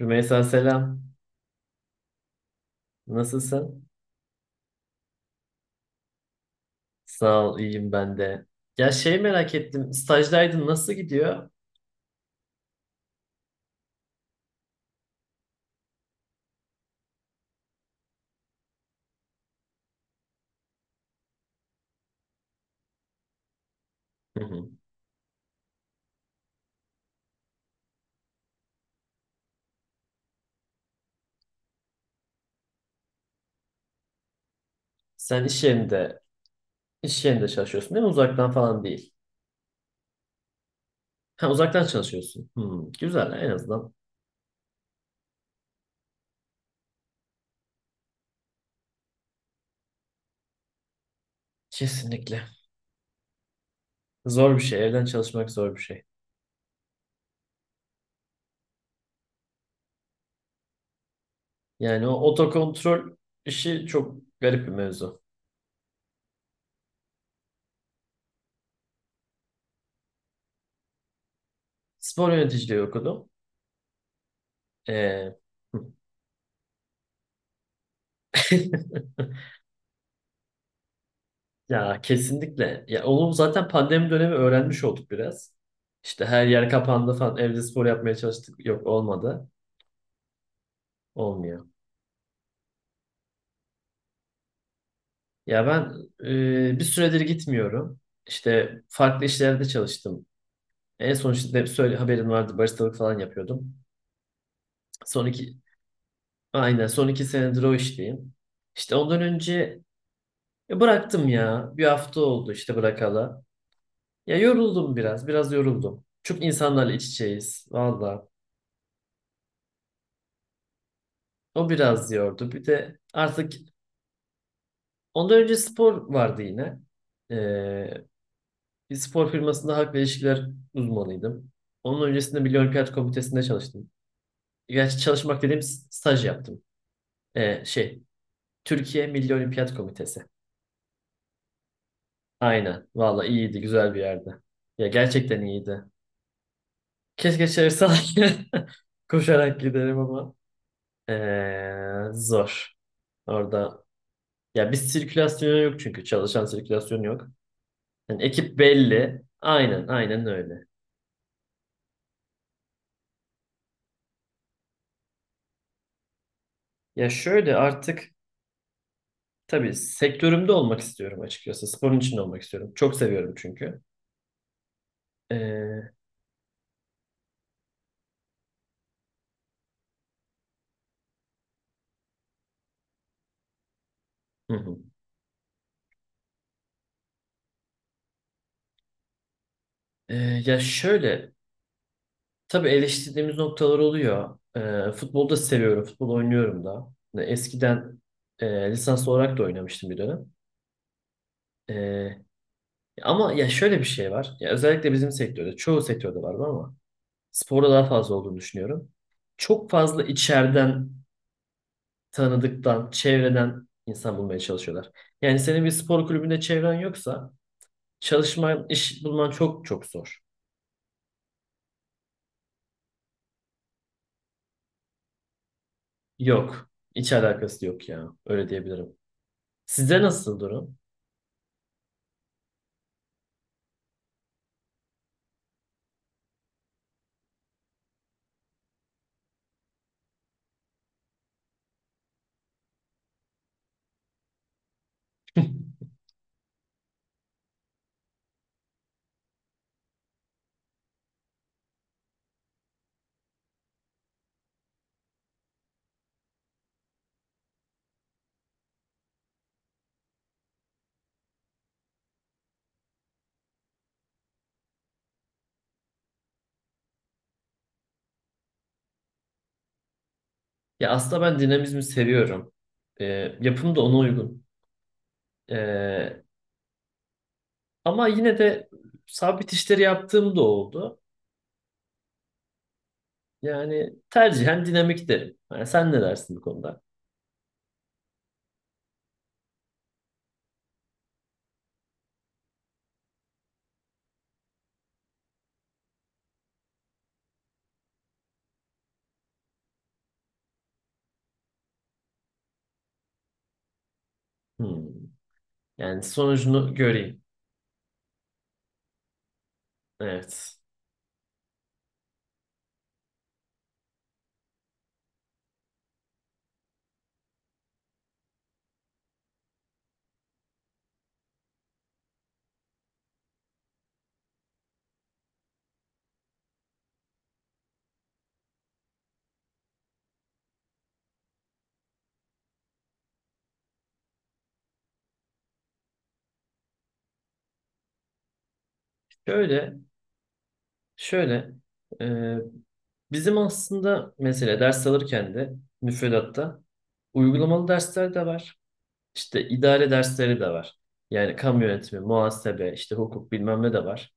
Rümeysa selam. Nasılsın? Sağ ol, iyiyim ben de. Ya şey merak ettim. Stajdaydın nasıl gidiyor? Hı hı. Sen iş yerinde çalışıyorsun değil mi? Uzaktan falan değil. Ha, uzaktan çalışıyorsun. Hmm, güzel en azından. Kesinlikle. Zor bir şey. Evden çalışmak zor bir şey. Yani o otokontrol işi çok garip bir mevzu. Spor yöneticiliği okudum. Ee, Ya kesinlikle. Ya onu zaten pandemi dönemi öğrenmiş olduk biraz. İşte her yer kapandı falan. Evde spor yapmaya çalıştık. Yok, olmadı. Olmuyor. Ya ben bir süredir gitmiyorum. İşte farklı işlerde çalıştım. En son işte söyle, haberin vardı. Baristalık falan yapıyordum. Son iki, aynen son iki senedir o işteyim. İşte ondan önce bıraktım ya. Bir hafta oldu işte bırakalı. Ya yoruldum biraz. Biraz yoruldum. Çok insanlarla iç içeyiz. Valla. O biraz yordu. Bir de artık ondan önce spor vardı yine. Ee, bir spor firmasında hak ve ilişkiler uzmanıydım. Onun öncesinde Milli Olimpiyat Komitesi'nde çalıştım. Gerçi çalışmak dediğim staj yaptım. Ee, şey, Türkiye Milli Olimpiyat Komitesi. Aynen. Valla iyiydi, güzel bir yerdi. Ya gerçekten iyiydi. Keşke çalışsaydı. Koşarak giderim ama. Zor. Orada. Ya bir sirkülasyon yok çünkü. Çalışan sirkülasyon yok. Yani ekip belli. Aynen, aynen öyle. Ya şöyle artık tabii sektörümde olmak istiyorum açıkçası. Sporun içinde olmak istiyorum. Çok seviyorum çünkü. Ee, hı hı. Ee, ya şöyle tabii eleştirdiğimiz noktalar oluyor. Futbolu da seviyorum. Futbol oynuyorum da. Yani eskiden lisans olarak da oynamıştım bir dönem. Ee, ama ya şöyle bir şey var. Ya özellikle bizim sektörde, çoğu sektörde var bu ama sporda daha fazla olduğunu düşünüyorum. Çok fazla içeriden, tanıdıktan, çevreden insan bulmaya çalışıyorlar. Yani senin bir spor kulübünde çevren yoksa çalışman, iş bulman çok çok zor. Yok. Hiç alakası yok ya. Öyle diyebilirim. Sizde nasıl durum? Ya aslında ben dinamizmi seviyorum. Ee, yapım da ona uygun. Ee, ama yine de sabit işleri yaptığım da oldu. Yani tercihen dinamik derim. Yani sen ne dersin bu konuda? Hmm. Yani sonucunu göreyim. Evet. Şöyle Şöyle, e, bizim aslında mesela ders alırken de müfredatta uygulamalı dersler de var. İşte idare dersleri de var. Yani kamu yönetimi, muhasebe, işte hukuk bilmem ne de var.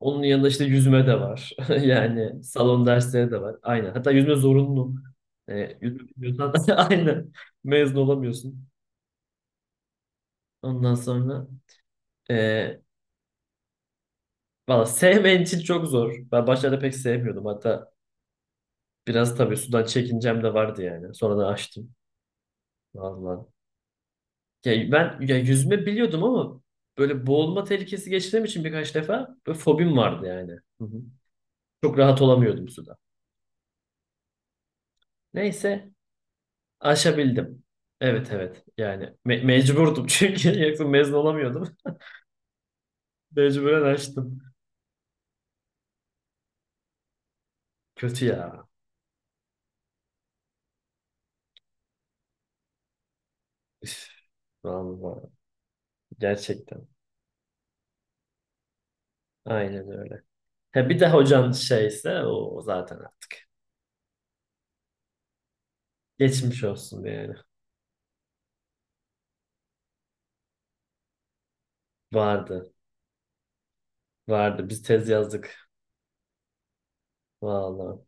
Onun yanında işte yüzme de var. Yani salon dersleri de var. Aynen. Hatta yüzme zorunlu. Yüzme bilmiyorsan aynen mezun olamıyorsun. Ondan sonra e, valla sevmeyen için çok zor. Ben başlarda pek sevmiyordum. Hatta biraz tabii sudan çekincem de vardı yani. Sonradan açtım. Vallahi. Ya ben ya yüzme biliyordum ama böyle boğulma tehlikesi geçirdiğim için birkaç defa böyle fobim vardı yani. Hı hı. Çok rahat olamıyordum suda. Neyse aşabildim. Evet, evet yani mecburdum çünkü yoksa mezun olamıyordum. Mecburen açtım. Kötü ya. Üf, vallahi gerçekten. Aynen öyle. Ha, bir de hocan şeyse o zaten artık. Geçmiş olsun yani. Vardı. Vardı. Biz tez yazdık. Vallahi.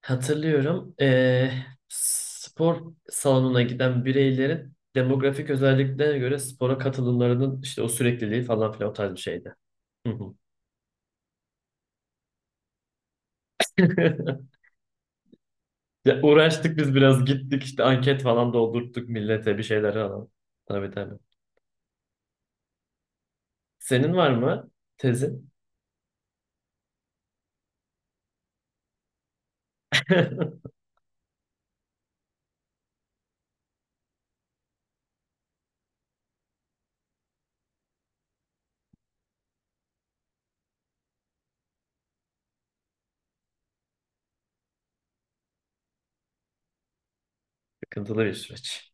Hatırlıyorum. Spor salonuna giden bireylerin demografik özelliklerine göre spora katılımlarının işte o sürekliliği falan filan o tarz bir şeydi. Hı hı. Ya uğraştık biz biraz, gittik işte anket falan doldurttuk millete bir şeyler falan. Tabii, tabii. Senin var mı tezin? Sıkıntılı bir süreç.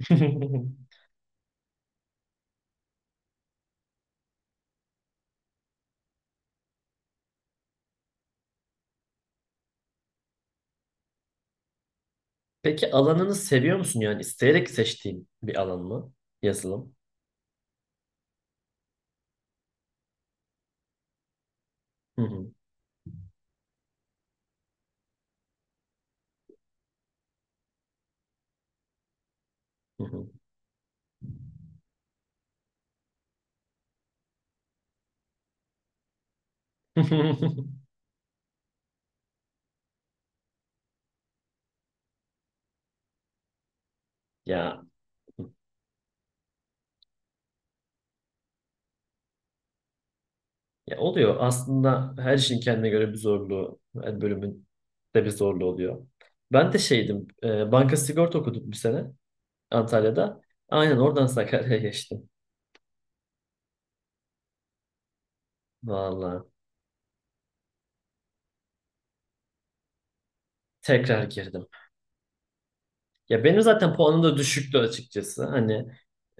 Peki alanını seviyor musun, yani isteyerek seçtiğin bir alan mı? Yazılım. Hı hı. Hı hı. Ya, ya oluyor. Aslında her şeyin kendine göre bir zorluğu, her bölümün de bir zorluğu oluyor. Ben de şeydim, banka sigorta okuduk bir sene Antalya'da. Aynen oradan Sakarya'ya geçtim. Vallahi tekrar girdim. Ya benim zaten puanım da düşüktü açıkçası. Hani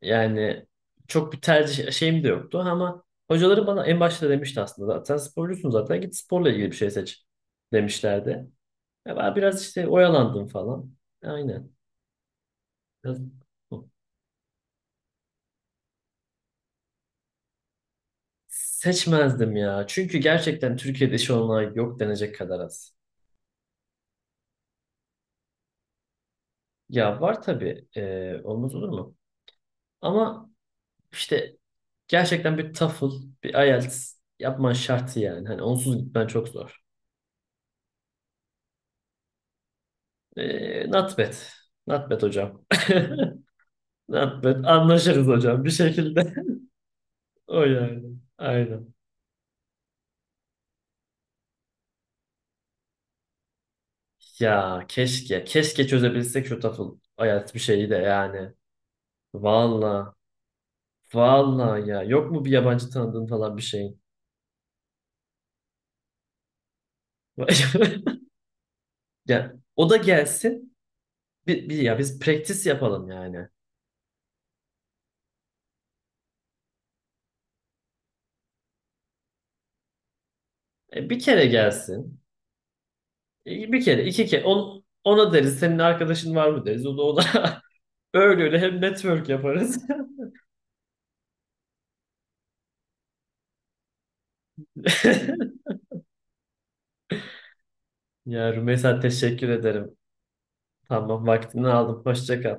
yani çok bir tercih şeyim de yoktu ama hocaları bana en başta demişti, aslında zaten sporcusun, zaten git sporla ilgili bir şey seç demişlerdi. Ya ben biraz işte oyalandım falan. Aynen. Ya, seçmezdim ya. Çünkü gerçekten Türkiye'de iş olmayan yok denecek kadar az. Ya var tabii. Olmaz olur mu? Ama işte gerçekten bir TOEFL, bir IELTS yapman şart yani. Hani onsuz gitmen çok zor. Not bad. Not bad hocam. Not bad. Anlaşırız hocam bir şekilde. O yani. Aynen. Ya keşke. Keşke çözebilsek şu TOEFL IELTS bir şeyi de yani. Vallahi. Vallahi, ya yok mu bir yabancı tanıdığın falan bir şeyin? Ya o da gelsin. Bir ya biz practice yapalım yani. Bir kere gelsin. Bir kere, iki kere. Ona deriz senin arkadaşın var mı deriz. O da ona öyle öyle hem network yaparız. Ya Rümeysa, teşekkür ederim. Tamam, vaktini aldım. Hoşça kal.